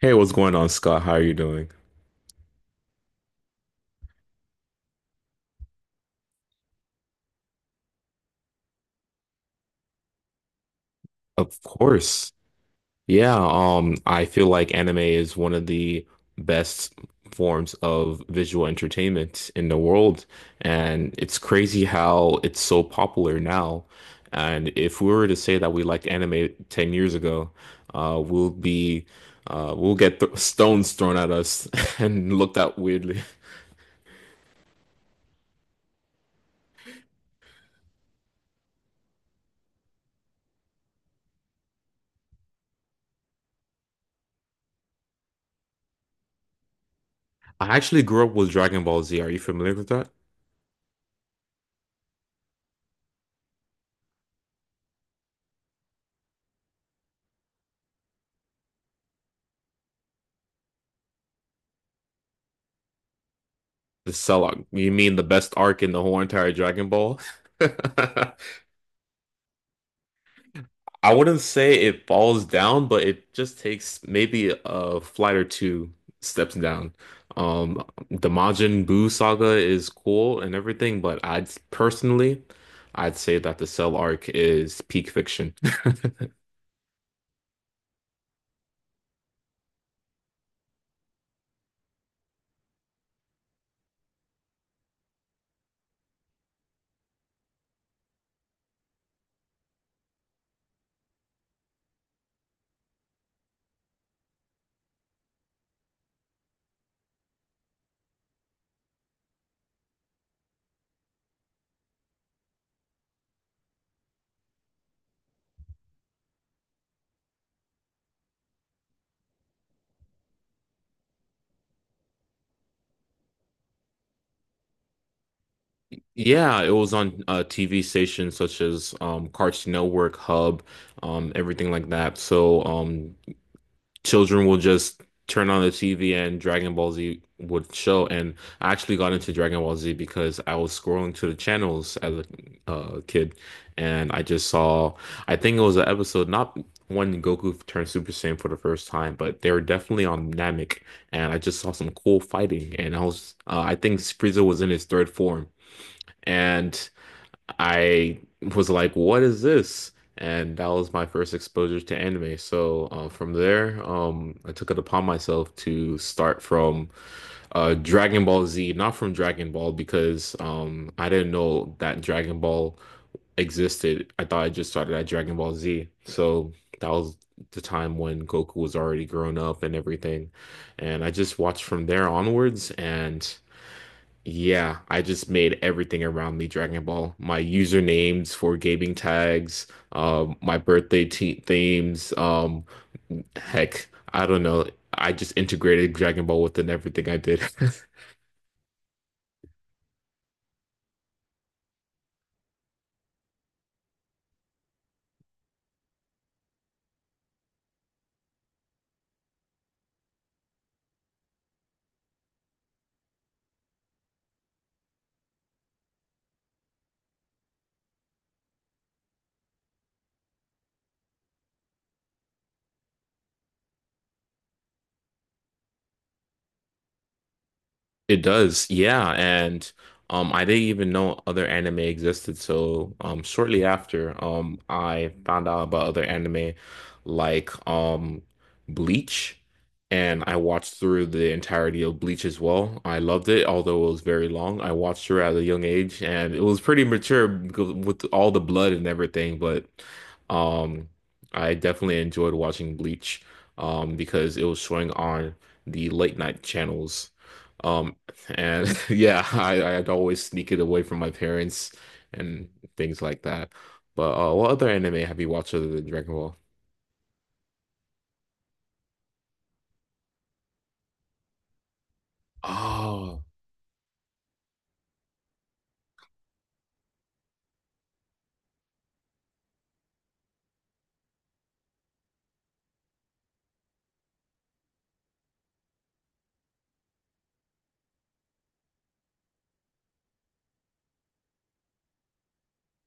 Hey, what's going on, Scott? How are you doing? Of course. Yeah, I feel like anime is one of the best forms of visual entertainment in the world, and it's crazy how it's so popular now. And if we were to say that we liked anime 10 years ago, uh, we'll be we'll get th stones thrown at us and looked at weirdly. I actually grew up with Dragon Ball Z. Are you familiar with that? The Cellog. You mean the best arc in the whole entire Dragon Ball? I wouldn't say it falls down, but it just takes maybe a flight or two steps down. Um, the Majin Buu saga is cool and everything, but I'd say that the Cell arc is peak fiction. Yeah, it was on TV stations such as Cartoon Network, Hub, everything like that. So children will just turn on the TV and Dragon Ball Z would show. And I actually got into Dragon Ball Z because I was scrolling to the channels as a kid, and I just saw, I think it was an episode, not when Goku turned Super Saiyan for the first time, but they were definitely on Namek, and I just saw some cool fighting. And I was, I think Frieza was in his third form. And I was like, what is this? And that was my first exposure to anime. So from there, I took it upon myself to start from Dragon Ball Z, not from Dragon Ball, because I didn't know that Dragon Ball existed. I thought I just started at Dragon Ball Z. So that was the time when Goku was already grown up and everything. And I just watched from there onwards. And. Yeah, I just made everything around me Dragon Ball. My usernames for gaming tags, my birthday te themes, heck, I don't know. I just integrated Dragon Ball within everything I did. It does, yeah, and I didn't even know other anime existed. So shortly after, I found out about other anime like Bleach, and I watched through the entirety of Bleach as well. I loved it, although it was very long. I watched her at a young age, and it was pretty mature because with all the blood and everything. But um, I definitely enjoyed watching Bleach because it was showing on the late night channels. Um, and yeah, I'd always sneak it away from my parents and things like that. But what other anime have you watched other than Dragon Ball? Oh,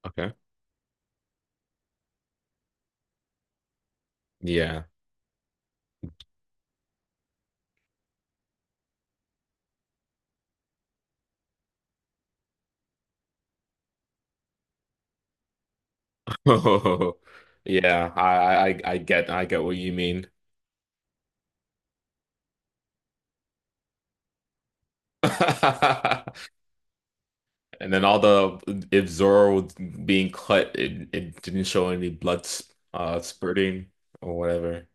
okay. Yeah. Oh. Yeah, I get what you mean. And then all the if Zoro was being cut, it didn't show any blood, spurting or whatever.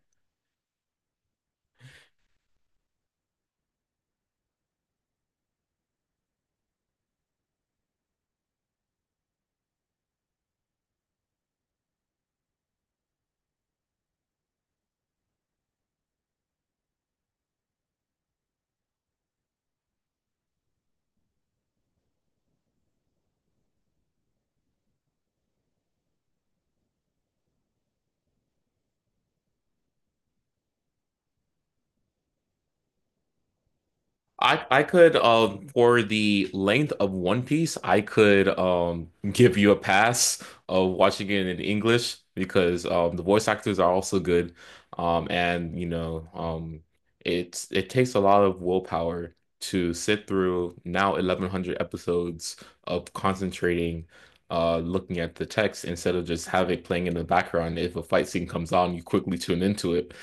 I could for the length of One Piece, I could give you a pass of watching it in English because the voice actors are also good. And it takes a lot of willpower to sit through now 1100 episodes of concentrating looking at the text instead of just have it playing in the background. If a fight scene comes on, you quickly tune into it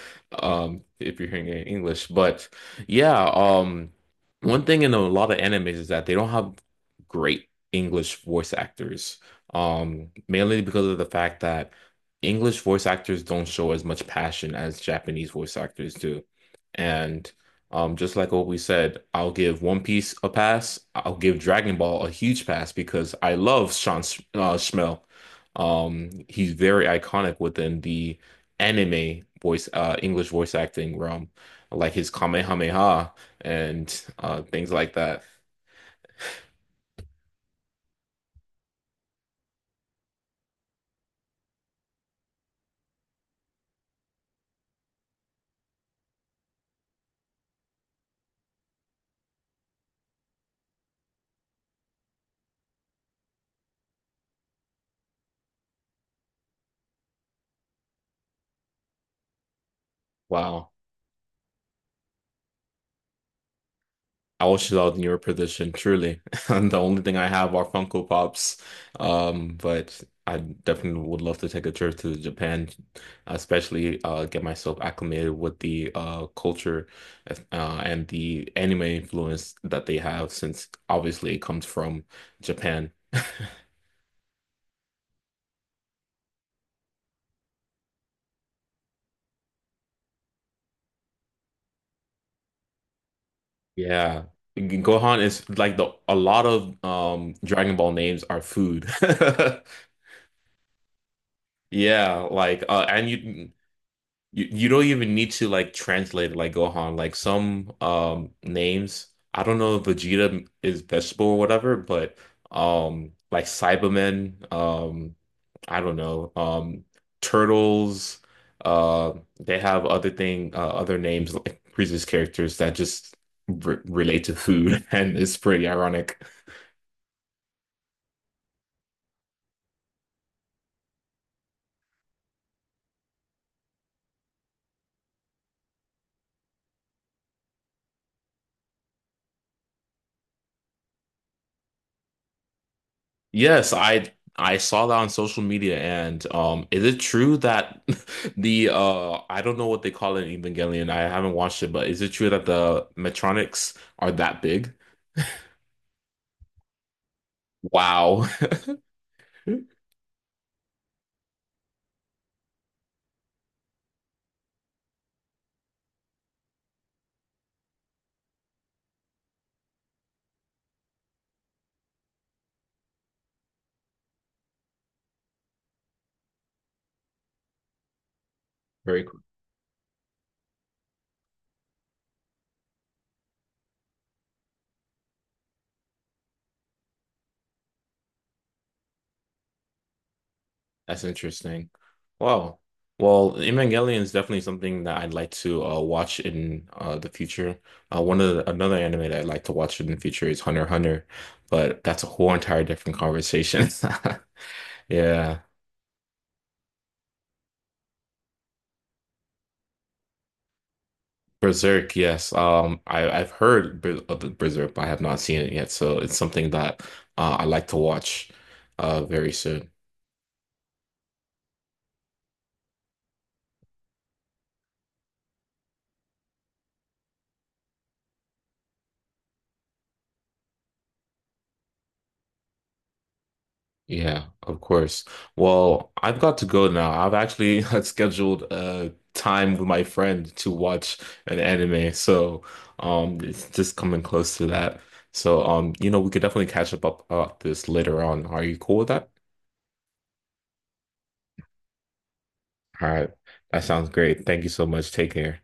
if you're hearing it in English. But yeah, um one thing in a lot of animes is that they don't have great English voice actors, mainly because of the fact that English voice actors don't show as much passion as Japanese voice actors do. And just like what we said, I'll give One Piece a pass. I'll give Dragon Ball a huge pass because I love Sean Sh Schmell. He's very iconic within the English voice acting realm, like his Kamehameha and things like that. Wow. I wish I was in your position, truly. And the only thing I have are Funko Pops. But I definitely would love to take a trip to Japan, especially get myself acclimated with the culture and the anime influence that they have, since obviously it comes from Japan. Yeah. Gohan is like the a lot of Dragon Ball names are food. Yeah, like and you you don't even need to like translate it like Gohan. Like some names, I don't know if Vegeta is vegetable or whatever, but like Cybermen, I don't know, turtles, uh they have other names like previous characters that just re relate to food and it's pretty ironic. Yes, I saw that on social media, and is it true that the I don't know what they call it in Evangelion. I haven't watched it, but is it true that the Metronics are that big? Wow. Very cool. That's interesting. Wow. Well, Evangelion is definitely something that I'd like to watch in the future. One of the, another anime that I'd like to watch in the future is Hunter x Hunter, but that's a whole entire different conversation. Yeah. Berserk, yes. I've heard Ber- of the Berserk, but I have not seen it yet. So it's something that I like to watch very soon. Yeah, of course. Well, I've got to go now. I've actually scheduled time with my friend to watch an anime. So it's just coming close to that. So we could definitely catch up about this later on. Are you cool with that? All right. That sounds great. Thank you so much. Take care.